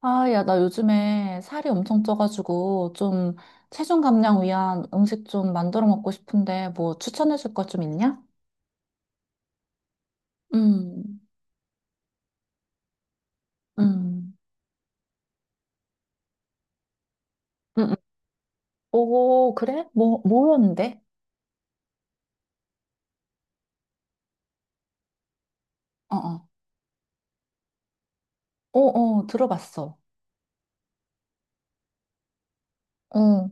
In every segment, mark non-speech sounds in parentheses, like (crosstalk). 아, 야, 나 요즘에 살이 엄청 쪄가지고 좀 체중 감량 위한 음식 좀 만들어 먹고 싶은데 뭐 추천해 줄 거 좀 있냐? 음, 음. 음, 음. 오, 그래? 뭐였는데? 어, 어. 어, 어, 들어봤어. 어,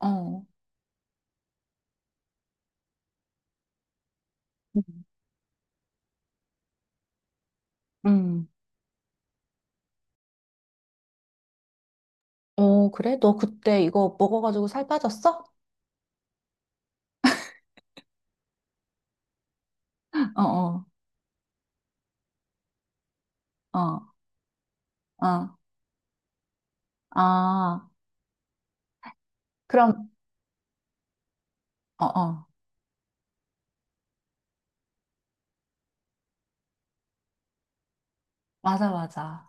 어. 음. 음. 어, 그래? 너 그때 이거 먹어가지고 살 빠졌어? (laughs) 어, 어, 어, 어. 아, 그럼, 어, 어. 맞아, 맞아.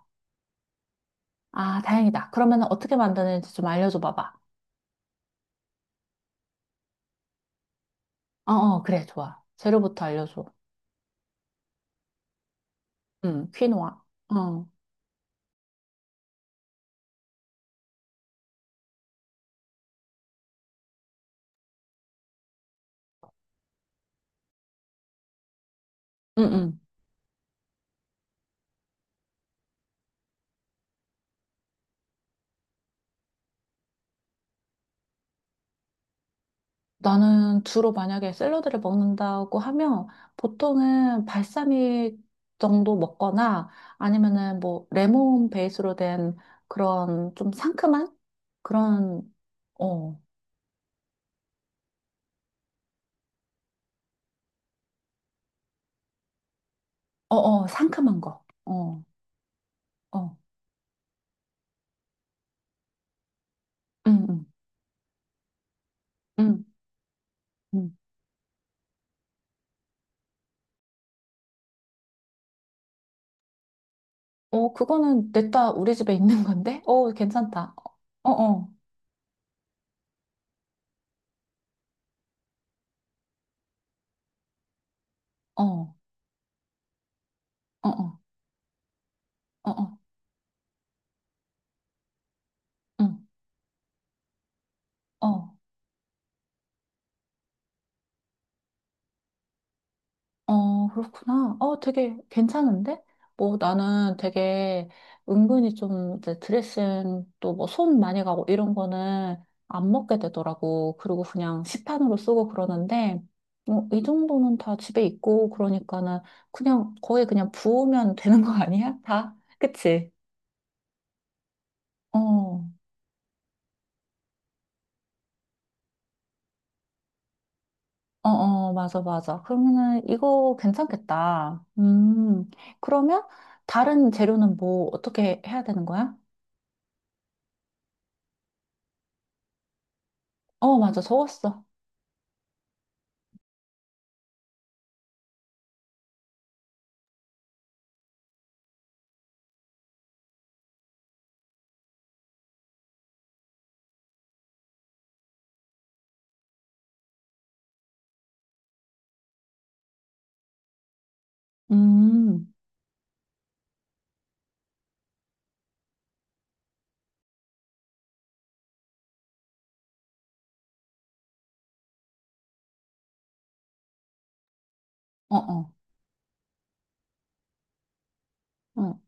아, 다행이다. 그러면 은 어떻게 만드는지 좀 알려줘 봐봐. 어, 어, 그래, 좋아. 재료부터 알려줘. 응, 퀴노아. 어, 응, 응. 나는 주로 만약에 샐러드를 먹는다고 하면 보통은 발사믹 정도 먹거나 아니면은 뭐 레몬 베이스로 된 그런 좀 상큼한 그런, 어, 어, 어, 상큼한 거. 어, 어, 응, 응, 응, 응. 어, 그거는 냅다 우리 집에 있는 건데? 어, 괜찮다. 어, 어, 어, 어, 어, 어, 어, 응, 어. 어, 그렇구나. 어, 되게 괜찮은데? 뭐 나는 되게 은근히 좀 이제 드레싱 또 뭐 손 많이 가고 이런 거는 안 먹게 되더라고. 그리고 그냥 시판으로 쓰고 그러는데, 뭐 이 정도는 다 집에 있고 그러니까는 그냥 거의 그냥 부으면 되는 거 아니야? 다? 그치? 어, 어, 어, 맞아, 맞아. 그러면은 이거 괜찮겠다. 그러면 다른 재료는 뭐 어떻게 해야 되는 거야? 어, 맞아. 적었어. 음, 어, 어, 어,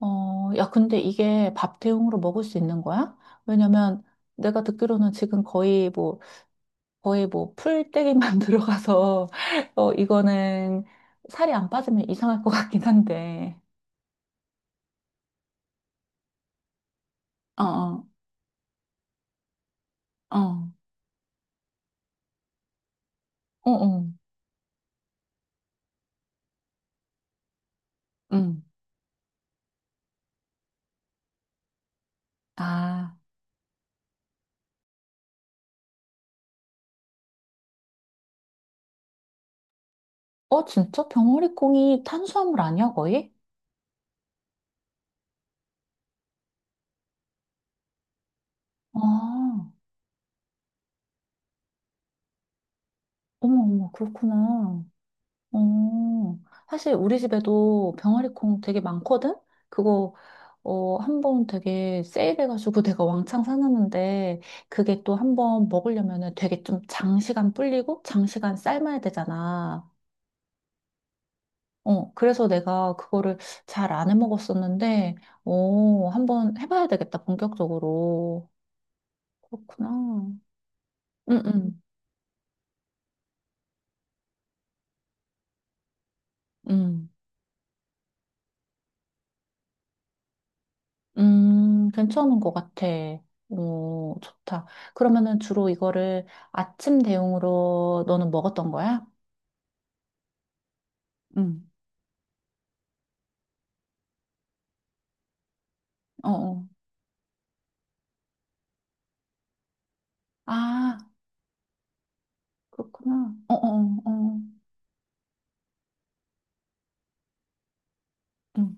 어, 야, 근데 이게 밥 대용으로 먹을 수 있는 거야? 왜냐면 내가 듣기로는 지금 거의 뭐, 거의 뭐, 풀떼기만 (laughs) 들어가서, 어, 이거는 살이 안 빠지면 이상할 것 같긴 한데. 어, 어, 어, 어, 어. 음, 아, 어, 진짜? 병어리콩이 탄수화물 아니야, 거의? 아.. 어머, 어머, 그렇구나. 어, 사실 우리 집에도 병아리콩 되게 많거든? 그거, 어, 한 번 되게 세일해가지고 (laughs) 내가 왕창 사놨는데, 그게 또 한 번 먹으려면은 되게 좀 장시간 불리고, 장시간 삶아야 되잖아. 어, 그래서 내가 그거를 잘 안 해 먹었었는데, 어, 한번 해봐야 되겠다, 본격적으로. 그렇구나. 응, 응, 응. 괜찮은 것 같아. 오, 좋다. 그러면은 주로 이거를 아침 대용으로 너는 먹었던 거야? 응, 어, 어, 아, 그렇구나. 어, 어, 어. 응,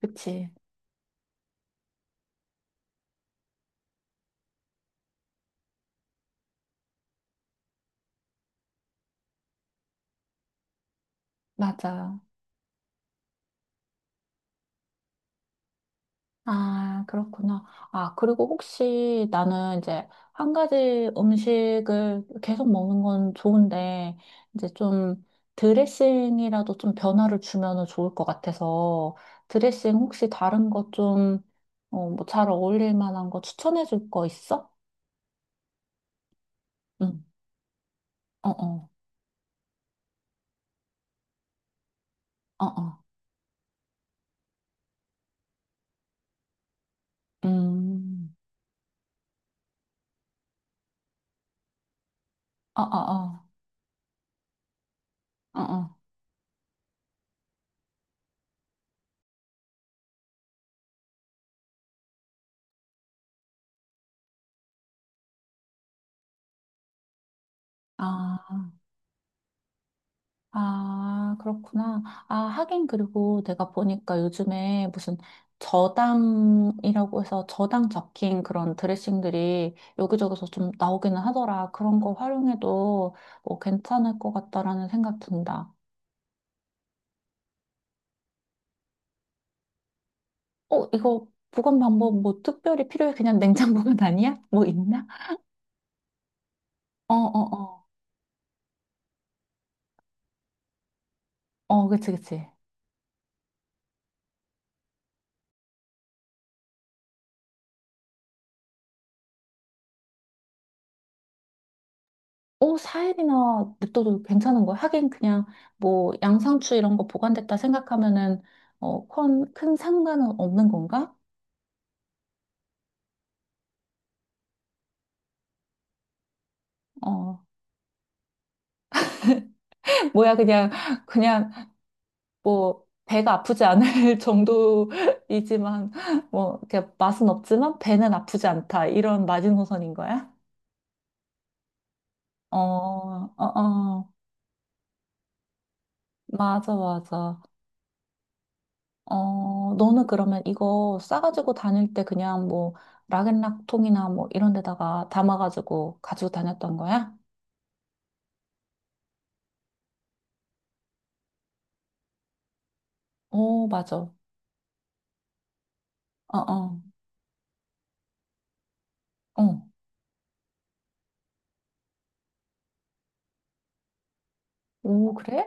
그치. 맞아. 아, 그렇구나. 아, 그리고 혹시 나는 이제 한 가지 음식을 계속 먹는 건 좋은데, 이제 좀 드레싱이라도 좀 변화를 주면은 좋을 것 같아서, 드레싱 혹시 다른 거 좀, 어, 뭐 잘 어울릴 만한 거 추천해 줄 거 있어? 응, 어, 어, 어, 어, 음, 어, 어, 어, 어, 어. 아. 아, 그렇구나. 아, 하긴 그리고 내가 보니까 요즘에 무슨 저당이라고 해서 저당 적힌 그런 드레싱들이 여기저기서 좀 나오기는 하더라. 그런 거 활용해도 뭐 괜찮을 것 같다라는 생각 든다. 어, 이거 보관 방법 뭐 특별히 필요해? 그냥 냉장보관 (laughs) 아니야? 뭐 있나? 어, 어, 어. 어, 그치, 그치. 어, 4일이나 냅둬도 괜찮은 거야. 하긴 그냥 뭐 양상추 이런 거 보관됐다 생각하면은 어, 큰 상관은 없는 건가? 어, (laughs) 뭐야 그냥 그냥 뭐 배가 아프지 않을 (laughs) 정도이지만 뭐 이렇게 맛은 없지만 배는 아프지 않다 이런 마지노선인 거야? 어, 어, 어, 맞아, 맞아. 어, 너는 그러면 이거 싸가지고 다닐 때 그냥 뭐 락앤락통이나 뭐 이런 데다가 담아가지고 가지고 다녔던 거야? 오, 맞아. 어, 어, 어. 오, 그래?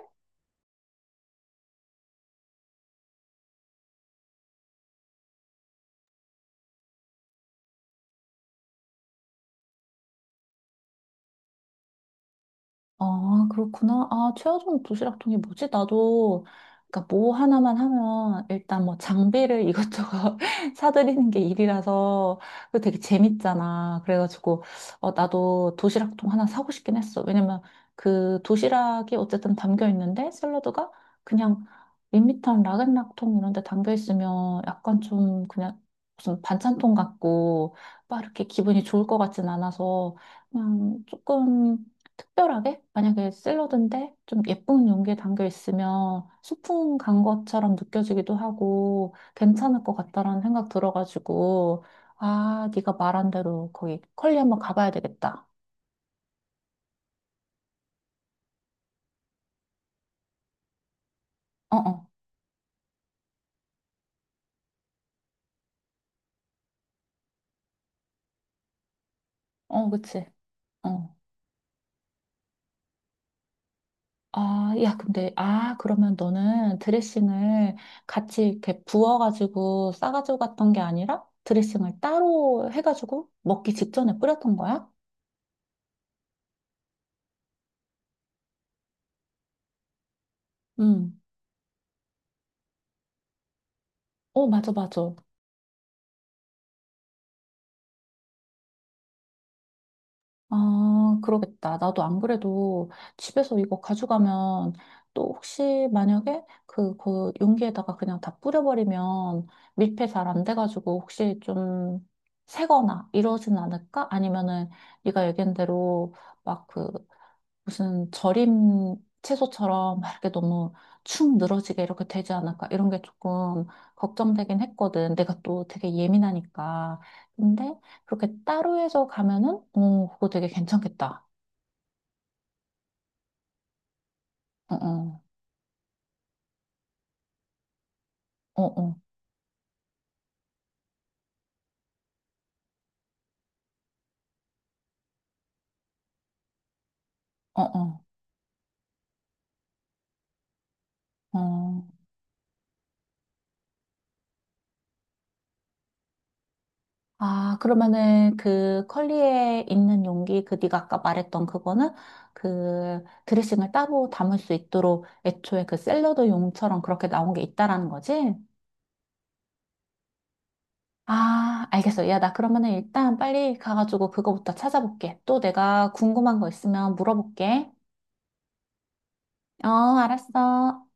아, 그렇구나. 아, 최하종 도시락통이 뭐지? 나도, 그러니까 뭐 하나만 하면 일단 뭐 장비를 이것저것 (laughs) 사들이는 게 일이라서 그 되게 재밌잖아. 그래가지고, 어, 나도 도시락통 하나 사고 싶긴 했어. 왜냐면 그 도시락이 어쨌든 담겨 있는데 샐러드가 그냥 밋밋한 락앤락통 이런 데 담겨 있으면 약간 좀 그냥 무슨 반찬통 같고 막 이렇게 기분이 좋을 것 같진 않아서 그냥 조금 특별하게? 만약에 샐러드인데 좀 예쁜 용기에 담겨 있으면 소풍 간 것처럼 느껴지기도 하고 괜찮을 것 같다라는 생각 들어가지고 아, 네가 말한 대로 거기 컬리 한번 가봐야 되겠다. 어, 어, 어, 그치. 어. 아, 야, 근데, 아, 그러면 너는 드레싱을 같이 이렇게 부어가지고 싸가지고 갔던 게 아니라 드레싱을 따로 해가지고 먹기 직전에 뿌렸던 거야? 응. 어, 맞아, 맞아. 아, 그러겠다. 나도 안 그래도 집에서 이거 가져가면 또 혹시 만약에 그 용기에다가 그냥 다 뿌려버리면 밀폐 잘 안 돼가지고 혹시 좀 새거나 이러진 않을까? 아니면은 네가 얘기한 대로 막그 무슨 절임 채소처럼 막 이렇게 너무 축 늘어지게 이렇게 되지 않을까 이런 게 조금 걱정되긴 했거든. 내가 또 되게 예민하니까. 근데 그렇게 따로 해서 가면은 어 그거 되게 괜찮겠다. 어어 어어 어어 어. 어, 어. 어. 아 그러면은 그 컬리에 있는 용기 그 네가 아까 말했던 그거는 그 드레싱을 따로 담을 수 있도록 애초에 그 샐러드 용처럼 그렇게 나온 게 있다라는 거지? 아, 알겠어. 야, 나 그러면은 일단 빨리 가가지고 그거부터 찾아볼게. 또 내가 궁금한 거 있으면 물어볼게. 어, 알았어.